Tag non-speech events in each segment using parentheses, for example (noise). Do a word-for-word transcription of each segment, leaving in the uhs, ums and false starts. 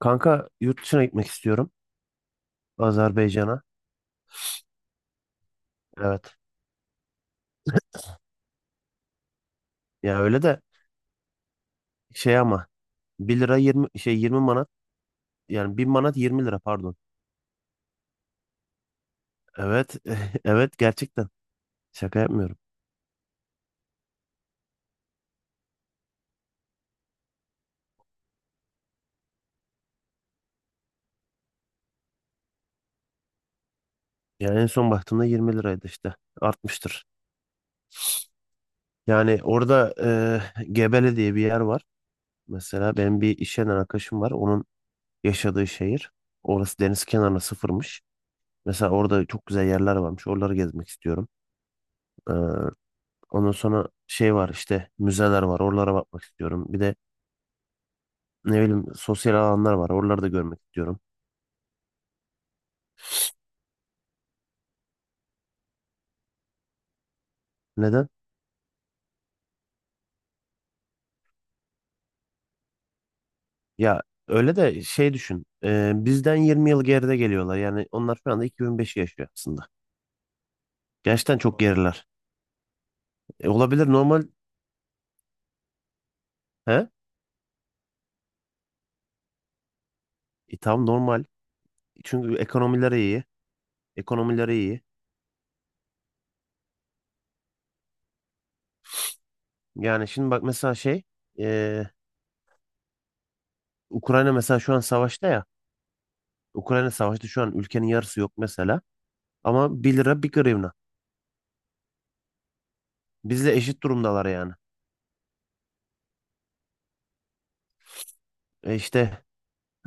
Kanka yurt dışına gitmek istiyorum. Azerbaycan'a. Evet. Ya öyle de şey ama bir lira yirmi şey yirmi manat, yani bir manat yirmi lira, pardon. Evet. (laughs) Evet, gerçekten. Şaka yapmıyorum. Yani en son baktığımda yirmi liraydı işte. Artmıştır. Yani orada e, Gebele diye bir yer var. Mesela benim bir iş yerinden arkadaşım var. Onun yaşadığı şehir. Orası deniz kenarına sıfırmış. Mesela orada çok güzel yerler varmış. Oraları gezmek istiyorum. Eh, Ondan sonra şey var işte, müzeler var. Oralara bakmak istiyorum. Bir de ne bileyim, sosyal alanlar var. Oraları da görmek istiyorum. Neden? Ya öyle de şey, düşün. E, bizden yirmi yıl geride geliyorlar. Yani onlar şu anda iki bin beş yaşıyor aslında. Gerçekten çok geriler. E, olabilir, normal. He? E, tam normal. Çünkü ekonomileri iyi. Ekonomileri iyi. Yani şimdi bak mesela şey, e, Ukrayna mesela şu an savaşta ya. Ukrayna savaşta şu an, ülkenin yarısı yok mesela. Ama bir lira bir hryvnia. Bizle eşit durumdalar yani. E işte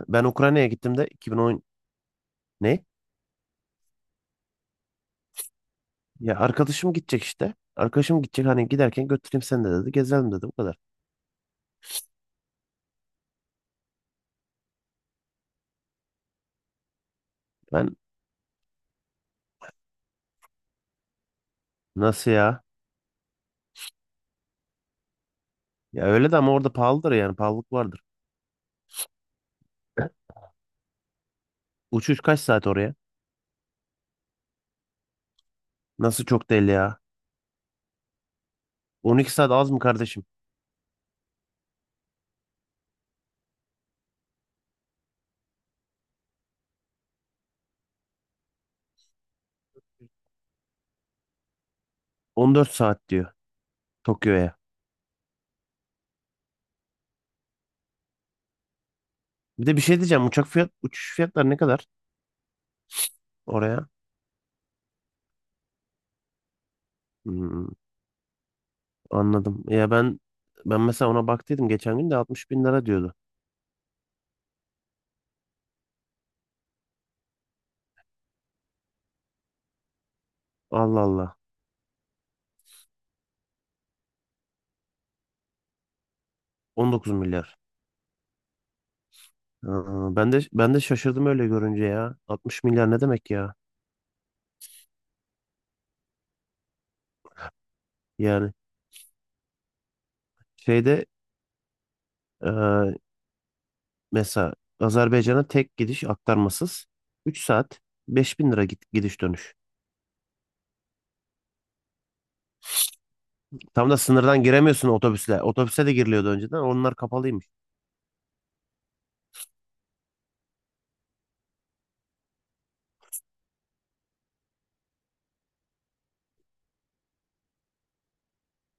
ben Ukrayna'ya gittim de iki bin on, ne? Ya arkadaşım gidecek işte. Arkadaşım gidecek, hani giderken götüreyim seni de dedi. Gezelim dedi, bu kadar. Ben nasıl ya? Ya öyle de ama orada pahalıdır, yani pahalılık vardır. Uçuş kaç saat oraya? Nasıl çok değil ya? on iki saat az mı kardeşim? on dört saat diyor Tokyo'ya. Bir de bir şey diyeceğim. Uçak fiyat, uçuş fiyatları ne kadar oraya? Hmm, Anladım. Ya ben ben mesela ona baktıydım, geçen gün de altmış bin lira diyordu. Allah Allah. on dokuz milyar. Aa, ben de ben de şaşırdım öyle görünce ya. altmış milyar ne demek ya? Yani şeyde, e, mesela Azerbaycan'a tek gidiş aktarmasız üç saat, beş bin lira, git, gidiş dönüş. Tam da sınırdan giremiyorsun otobüsle. Otobüse de giriliyordu önceden. Onlar kapalıymış.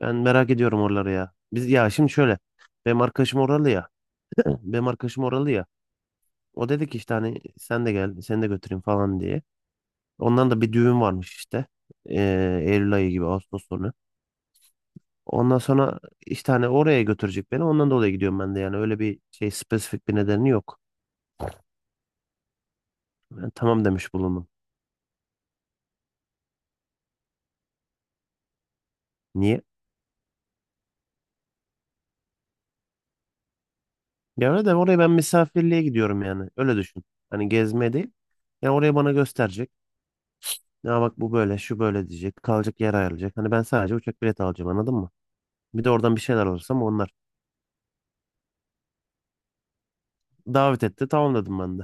Ben merak ediyorum oraları ya. Biz ya şimdi şöyle, benim arkadaşım oralı ya. (clears throat) Benim arkadaşım oralı ya. O dedi ki işte, hani sen de gel, seni de götüreyim falan diye. Ondan da bir düğün varmış işte. Ee, Eylül ayı gibi, Ağustos sonu. Ondan sonra işte hani oraya götürecek beni. Ondan dolayı gidiyorum ben de yani. Öyle bir şey, spesifik bir nedeni yok. Ben tamam demiş bulundum. Niye? Ya öyle de, oraya ben misafirliğe gidiyorum yani. Öyle düşün. Hani gezmeye değil. Yani oraya bana gösterecek. Ya bak, bu böyle, şu böyle diyecek. Kalacak yer ayarlayacak. Hani ben sadece uçak bileti alacağım, anladın mı? Bir de oradan bir şeyler olursa, ama onlar. Davet etti, tamam dedim ben de.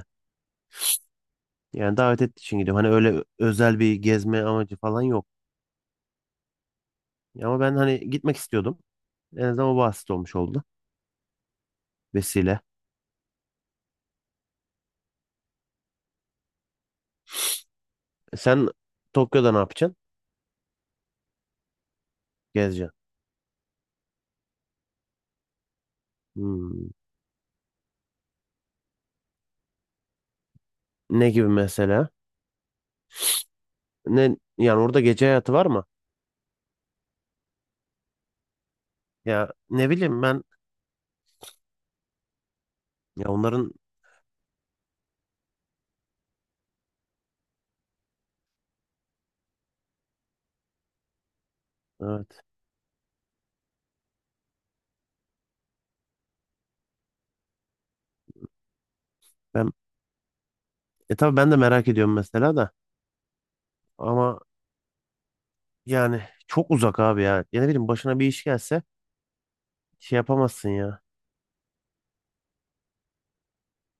Yani davet ettiği için gidiyorum. Hani öyle özel bir gezme amacı falan yok. Ama ben hani gitmek istiyordum. En azından o basit olmuş oldu. Vesile. Sen Tokyo'da ne yapacaksın? Gezeceksin. Hmm. Ne gibi mesela? Ne, yani orada gece hayatı var mı? Ya ne bileyim ben, ya onların, evet, ben e tabii, ben de merak ediyorum mesela da, ama yani çok uzak abi ya. Ya ne bileyim, başına bir iş gelse şey yapamazsın ya.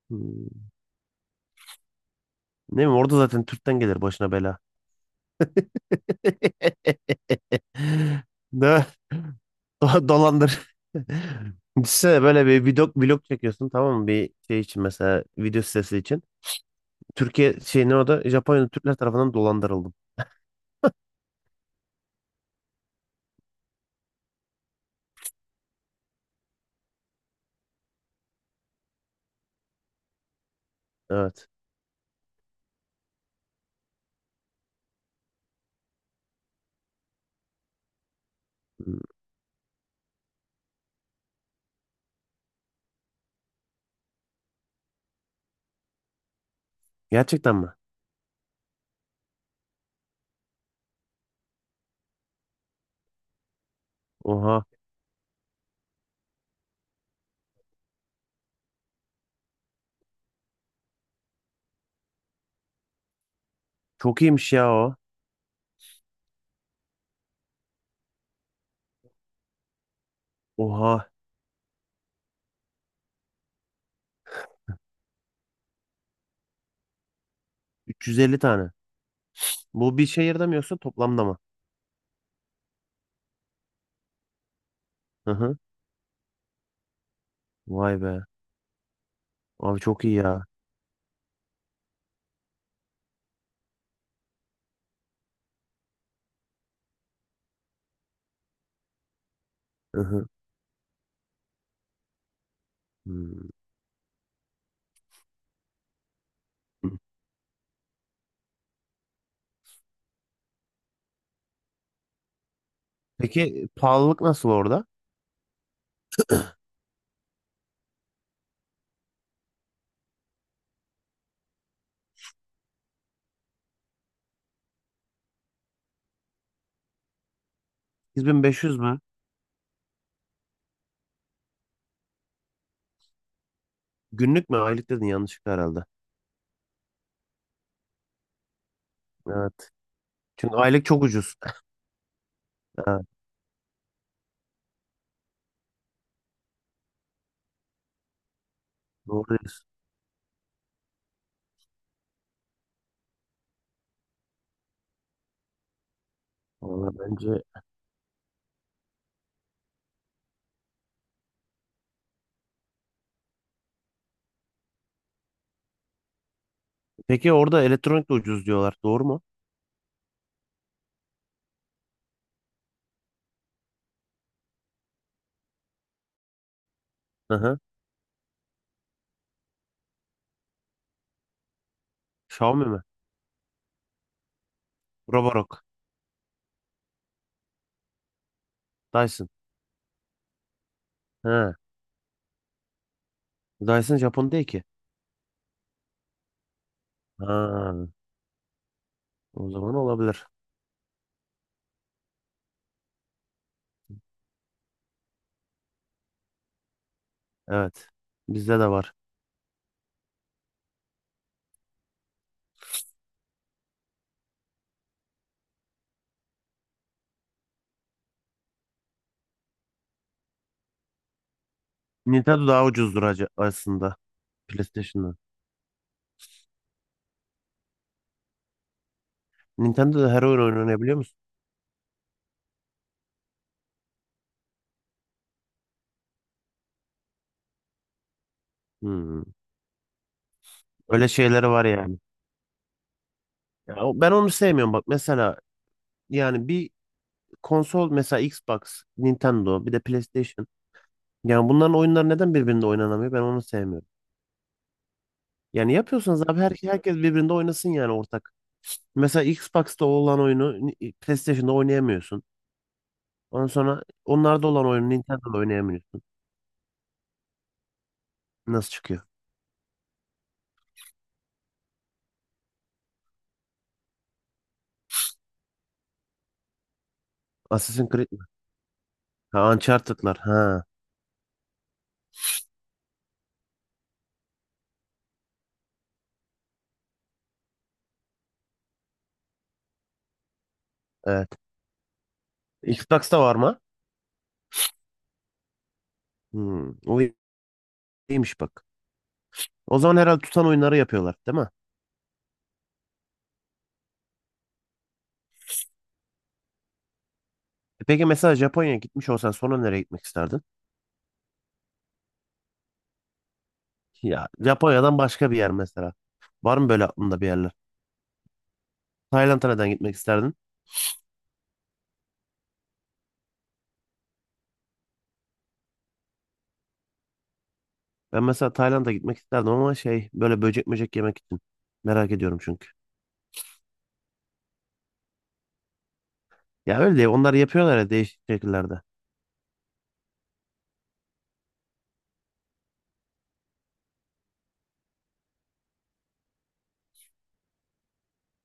Hmm. Ne bileyim, orada zaten Türk'ten gelir başına bela. (laughs) Ne? Do- Dolandır. (laughs) Düşünsene, böyle bir vlog, vlog çekiyorsun, tamam mı? Bir şey için, mesela video sitesi için. Türkiye şey ne, o da Japonya'da Türkler tarafından dolandırıldım. Evet. Hmm, Gerçekten mi? Oha. Çok iyiymiş ya o. Oha. üç yüz elli tane. Bu bir şehirde mi yoksa toplamda mı? Hı hı. Vay be. Abi çok iyi ya. Hı hı. Hmm. Peki pahalılık nasıl orada? sekiz bin beş yüz mü? Günlük mü? Aylık dedin, yanlışlıkla herhalde. Evet. Çünkü aylık çok ucuz. Evet. Doğru diyorsun. Vallahi bence. Peki orada elektronik de ucuz diyorlar, doğru mu? Hı hı. Xiaomi mi? Roborock. Dyson. He. Dyson Japon değil ki. Ha, o zaman olabilir. Evet. Bizde de var. Nintendo daha ucuzdur ac- aslında PlayStation'dan. Nintendo'da her oyun oynanabiliyor musun? Hmm. Öyle şeyleri var yani. Ya, o- ben onu sevmiyorum bak. Mesela yani bir konsol mesela, Xbox, Nintendo, bir de PlayStation. Yani bunların oyunları neden birbirinde oynanamıyor? Ben onu sevmiyorum. Yani yapıyorsanız abi, her, herkes birbirinde oynasın yani, ortak. Mesela Xbox'ta olan oyunu ni- PlayStation'da oynayamıyorsun. Ondan sonra onlarda olan oyunu Nintendo'da oynayamıyorsun. Nasıl çıkıyor? Assassin's Creed mi? Ha, Uncharted'lar. Ha, evet. Xbox'ta var mı? Hmm, o iyiymiş bak. O zaman herhalde tutan oyunları yapıyorlar, değil mi? E peki mesela Japonya'ya gitmiş olsan sonra nereye gitmek isterdin? Ya Japonya'dan başka bir yer mesela. Var mı böyle aklında bir yerler? Tayland'a neden gitmek isterdin? Ben mesela Tayland'a gitmek isterdim, ama şey, böyle böcek möcek yemek için. Merak ediyorum çünkü. Ya öyle değil. Onlar yapıyorlar ya değişik şekillerde.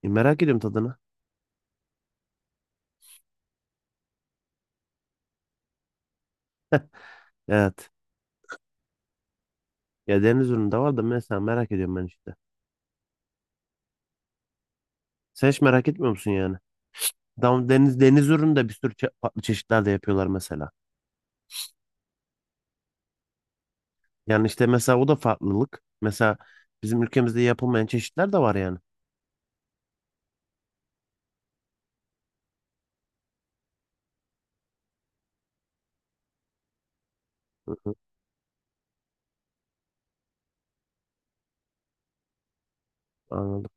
E, merak ediyorum tadını. Evet. Ya deniz ürünü de var da, mesela merak ediyorum ben işte. Sen hiç merak etmiyor musun yani? Tam deniz deniz ürünü de bir sürü çe- farklı çeşitler de yapıyorlar mesela. Yani işte mesela o da farklılık. Mesela bizim ülkemizde yapılmayan çeşitler de var yani. Hı hı. Anladım.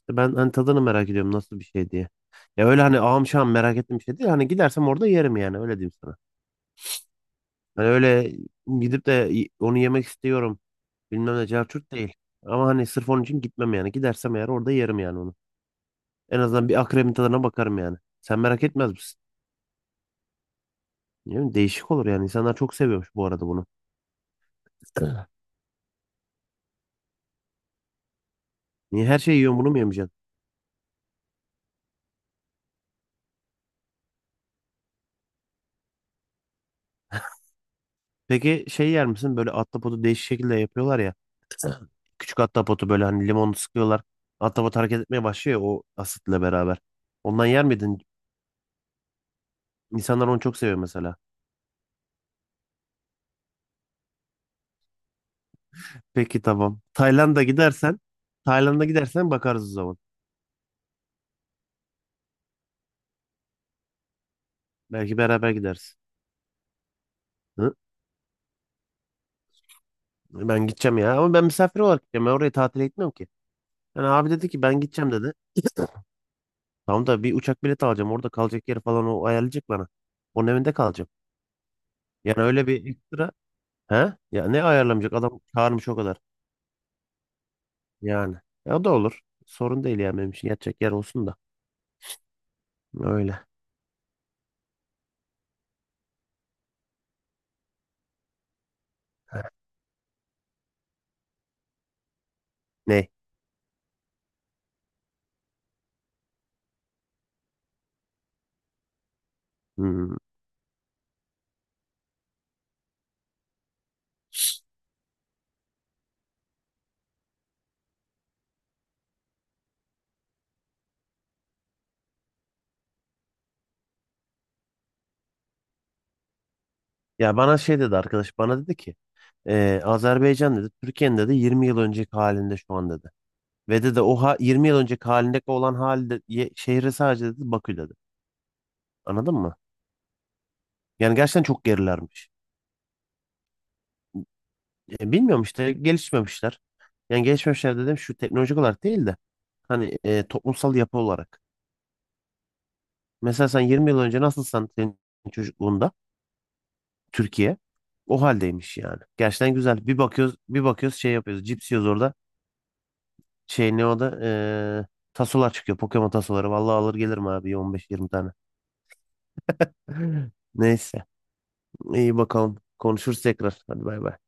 İşte, ben hani tadını merak ediyorum, nasıl bir şey diye. Ya öyle hani, ağam şahım merak ettiğim bir şey değil. Hani gidersem orada yerim, yani öyle diyeyim sana. Hani öyle gidip de y- onu yemek istiyorum. Bilmem ne cahçurt değil. Ama hani sırf onun için gitmem yani. Gidersem eğer orada yerim yani onu. En azından bir akrebin tadına bakarım yani. Sen merak etmez misin? Ne bileyim, değişik olur yani. İnsanlar çok seviyormuş bu arada bunu. (laughs) Evet. Niye her şeyi yiyorsun, bunu mu yemeyeceksin? Peki şey yer misin? Böyle ahtapotu değişik şekilde yapıyorlar ya. (laughs) Evet. Küçük ahtapotu böyle hani limonu sıkıyorlar. Ahtapot hareket etmeye başlıyor ya, o asitle beraber. Ondan yer miydin? İnsanlar onu çok seviyor mesela. Peki tamam. Tayland'a gidersen Tayland'a gidersen bakarız o zaman. Belki beraber gideriz. Hı? Ben gideceğim ya. Ama ben misafir olarak gideceğim. Ben oraya tatile gitmiyorum ki. Yani abi dedi ki, ben gideceğim dedi. (clears throat) Tamam da bir uçak bileti alacağım. Orada kalacak yeri falan o ayarlayacak bana. Onun evinde kalacağım. Yani öyle bir ekstra. He? Ya ne ayarlamayacak? Adam çağırmış o kadar. Yani. Ya o da olur. Sorun değil yani benim için. Yatacak yer olsun da. Öyle. Ne? Hmm. Ya bana şey dedi arkadaş. Bana dedi ki, eee, Azerbaycan dedi. Türkiye'nin dedi yirmi yıl önceki halinde şu an dedi. Ve dedi o ha, yirmi yıl önceki halindeki olan halde, ye- şehri sadece dedi, Bakü dedi. Anladın mı? Yani gerçekten çok gerilermiş. E, bilmiyorum işte, gelişmemişler. Yani gelişmemişler dedim, şu teknolojik olarak değil de hani e, toplumsal yapı olarak. Mesela sen yirmi yıl önce nasılsan, senin çocukluğunda Türkiye o haldeymiş yani. Gerçekten güzel. Bir bakıyoruz bir bakıyoruz, şey yapıyoruz. Cips yiyoruz orada. Şey ne o da, e, tasolar çıkıyor. Pokemon tasoları. Vallahi alır gelirim abi on beş yirmi tane. (laughs) Neyse. İyi bakalım. Konuşuruz tekrar. Hadi bay bay.